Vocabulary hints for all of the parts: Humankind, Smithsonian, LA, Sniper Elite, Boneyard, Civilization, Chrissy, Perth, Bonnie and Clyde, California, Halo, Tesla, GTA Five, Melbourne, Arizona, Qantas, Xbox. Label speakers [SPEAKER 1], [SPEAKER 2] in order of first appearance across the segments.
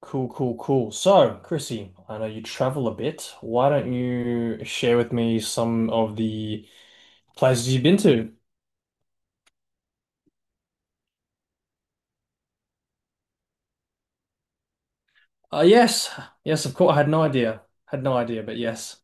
[SPEAKER 1] Cool, cool, cool. So, Chrissy, I know you travel a bit. Why don't you share with me some of the places you've been to? Uh, yes, yes, of course. I had no idea. Had no idea, but yes.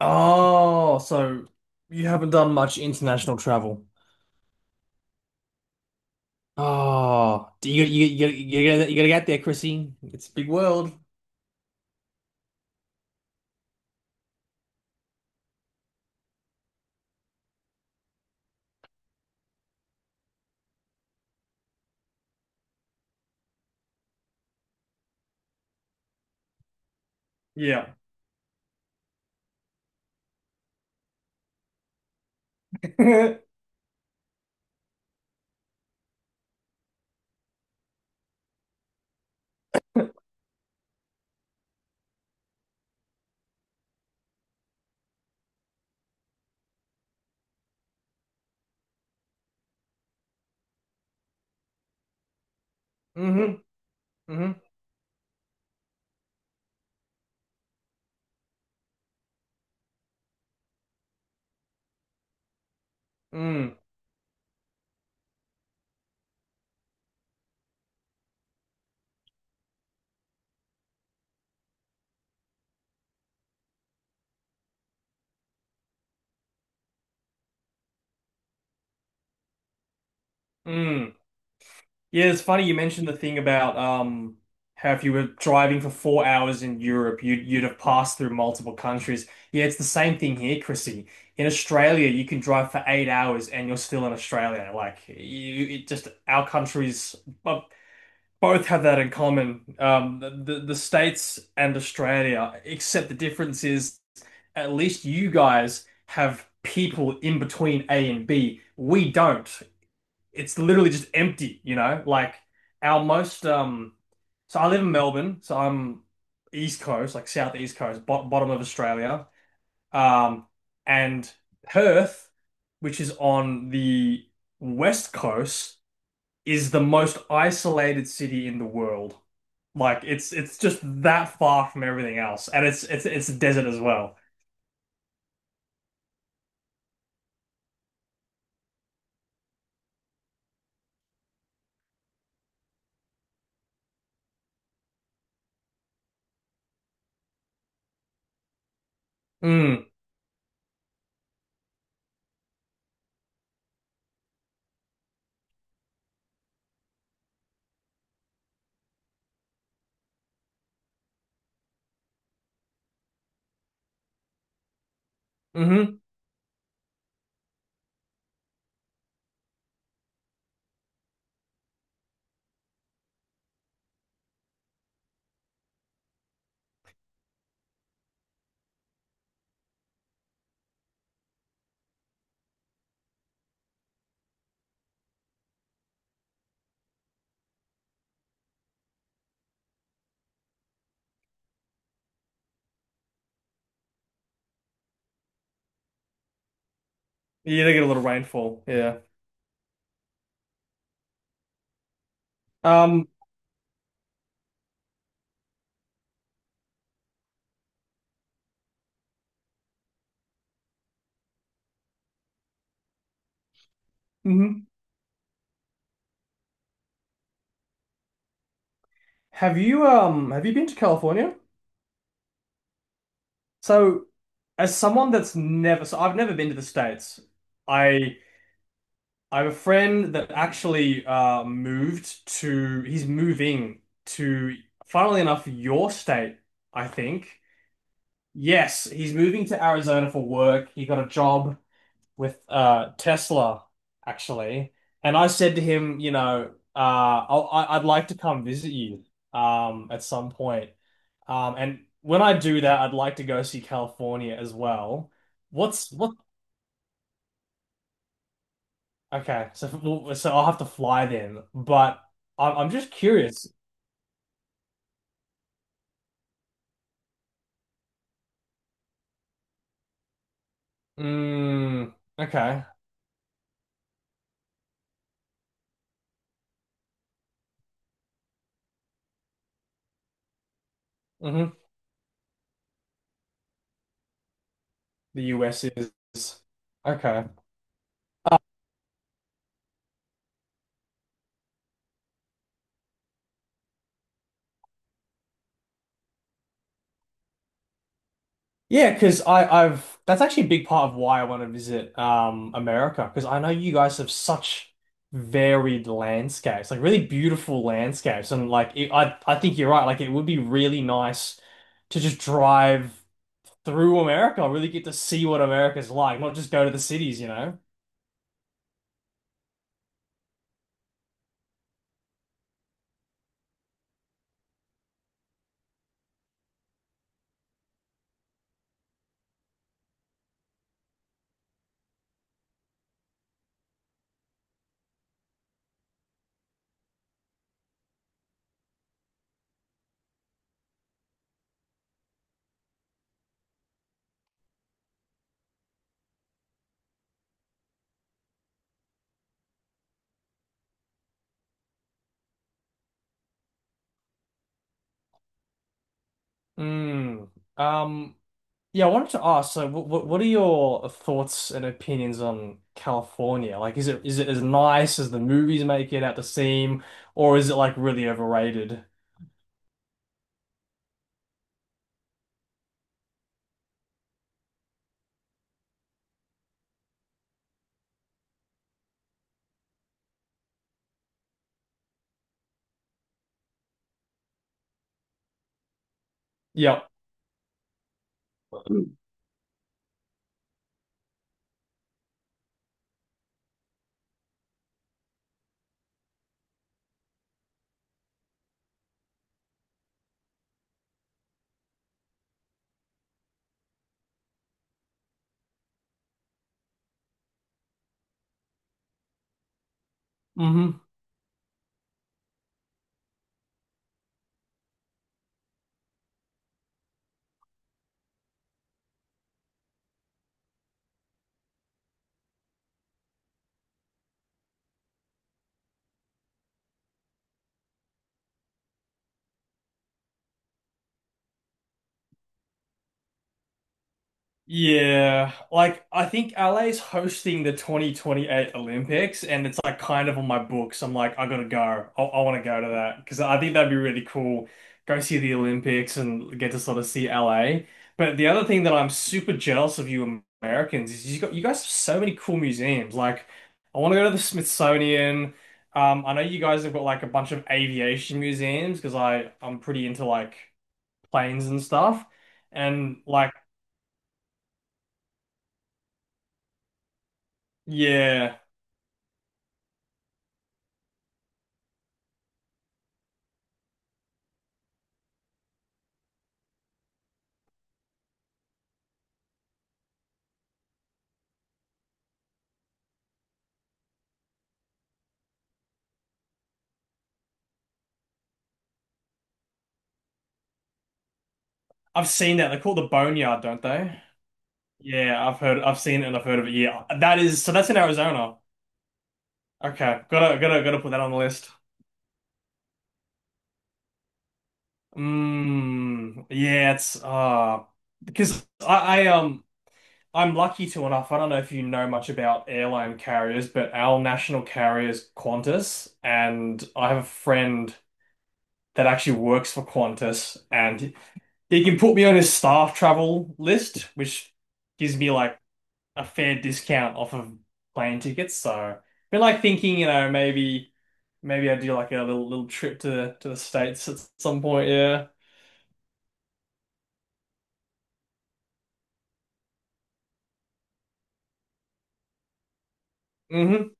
[SPEAKER 1] Oh, so you haven't done much international travel. Oh, do you gotta get there, Chrissy. It's a big world. Yeah. Mm-hmm. Mm-hmm. Mm. Mm. Yeah, it's funny you mentioned the thing about how if you were driving for 4 hours in Europe, you'd have passed through multiple countries. Yeah, it's the same thing here, Chrissy. In Australia, you can drive for 8 hours and you're still in Australia. Like you, it just our countries bo- both have that in common. The States and Australia, except the difference is at least you guys have people in between A and B. We don't, it's literally just empty, you know? Like our most so I live in Melbourne, so I'm East Coast, like South East Coast, bottom of Australia. Um and Perth, which is on the West Coast, is the most isolated city in the world. Like it's just that far from everything else. And it's a desert as well. Mm. Mm-hmm. Yeah, they get a little rainfall. Yeah. Um, mhm. Have you been to California? So, as someone that's never, so I've never been to the States. I I have a friend that actually moved to, he's moving to, funnily enough, your state, I think. Yes, he's moving to Arizona for work. He got a job with Tesla, actually. And I said to him, you know, I'd like to come visit you at some point. And when I do that, I'd like to go see California as well. What's what? Okay, so well, so I'll have to fly then. But I'm just curious. Mm, okay. Hmm. The US is okay. Uh, Yeah, because I've that's actually a big part of why I want to visit America because I know you guys have such varied landscapes, like really beautiful landscapes, and like it, I think you're right. Like it would be really nice to just drive through America. I really get to see what America's like, not just go to the cities, you know? Mm. Um, yeah, I wanted to ask, so what are your thoughts and opinions on California? Like, is it as nice as the movies make it out to seem, or is it like really overrated? Yep. Hmm. Yeah, like I think LA's hosting the 2028 Olympics, and it's like kind of on my books. I'm like, I gotta go. I want to go to that because I think that'd be really cool. Go see the Olympics and get to sort of see LA. But the other thing that I'm super jealous of you Americans is you got you guys have so many cool museums. Like, I want to go to the Smithsonian. I know you guys have got like a bunch of aviation museums because I'm pretty into like planes and stuff, and like. Yeah. I've seen that. They call it the Boneyard, don't they? Yeah, I've heard, I've seen it and I've heard of it. Yeah, that is so. That's in Arizona. Okay, gotta put that on the list. Mm, yeah, it's because I I'm lucky to enough. I don't know if you know much about airline carriers, but our national carrier is Qantas, and I have a friend that actually works for Qantas, and he can put me on his staff travel list, which gives me like a fair discount off of plane tickets. So, I've been like thinking, you know, maybe I do like a little trip to the States at some point. Yeah. Mm-hmm.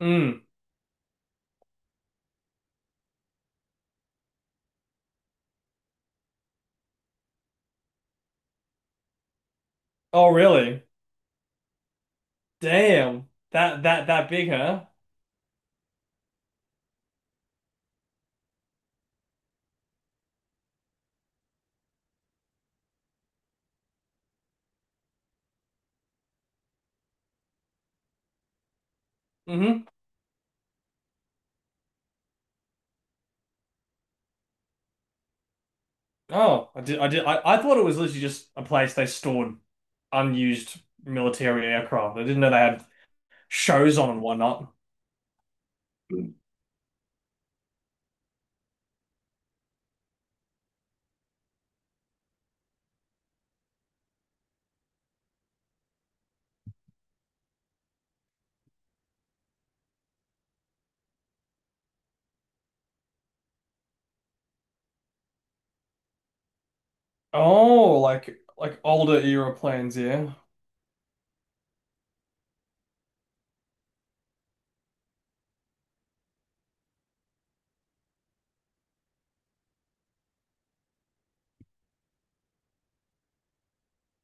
[SPEAKER 1] Mm. Oh, really? Damn. That big, huh? Mm-hmm. Oh, I did. I did. I thought it was literally just a place they stored unused military aircraft. I didn't know they had shows on and whatnot. Oh, like older era planes, yeah.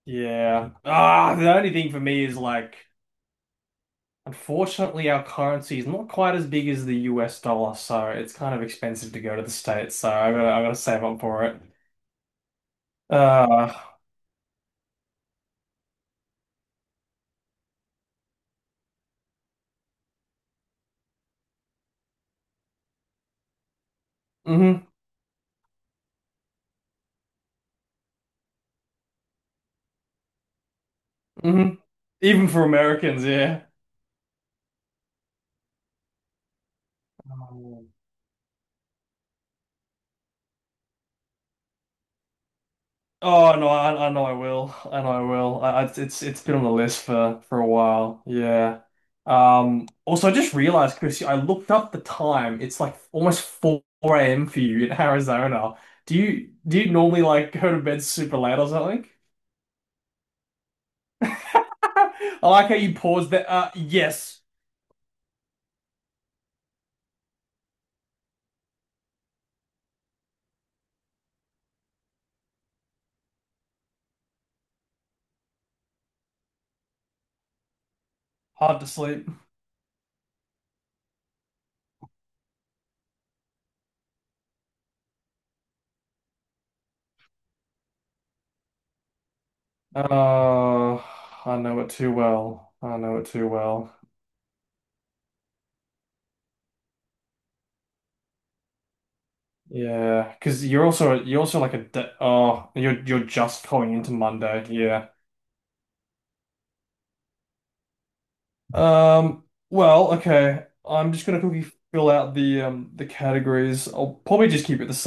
[SPEAKER 1] Yeah. Ah, the only thing for me is like, unfortunately, our currency is not quite as big as the US dollar, so it's kind of expensive to go to the States, so I gotta save up for it. Uh, hmm. Hmm. Even for Americans, yeah. Um, oh no, I know I will. I know I will. It's it's been on the list for a while. Yeah. Also, I just realized, Chris, I looked up the time. It's like almost 4 a.m. for you in Arizona. Do you normally like go to bed super late or something? I like how you paused that. Yes, hard to sleep. Uh, I know it too well. I know it too well. Yeah, because you're also like a de oh you're just going into Monday. Yeah. Um. Well, okay. I'm just gonna quickly fill out the categories. I'll probably just keep it the same.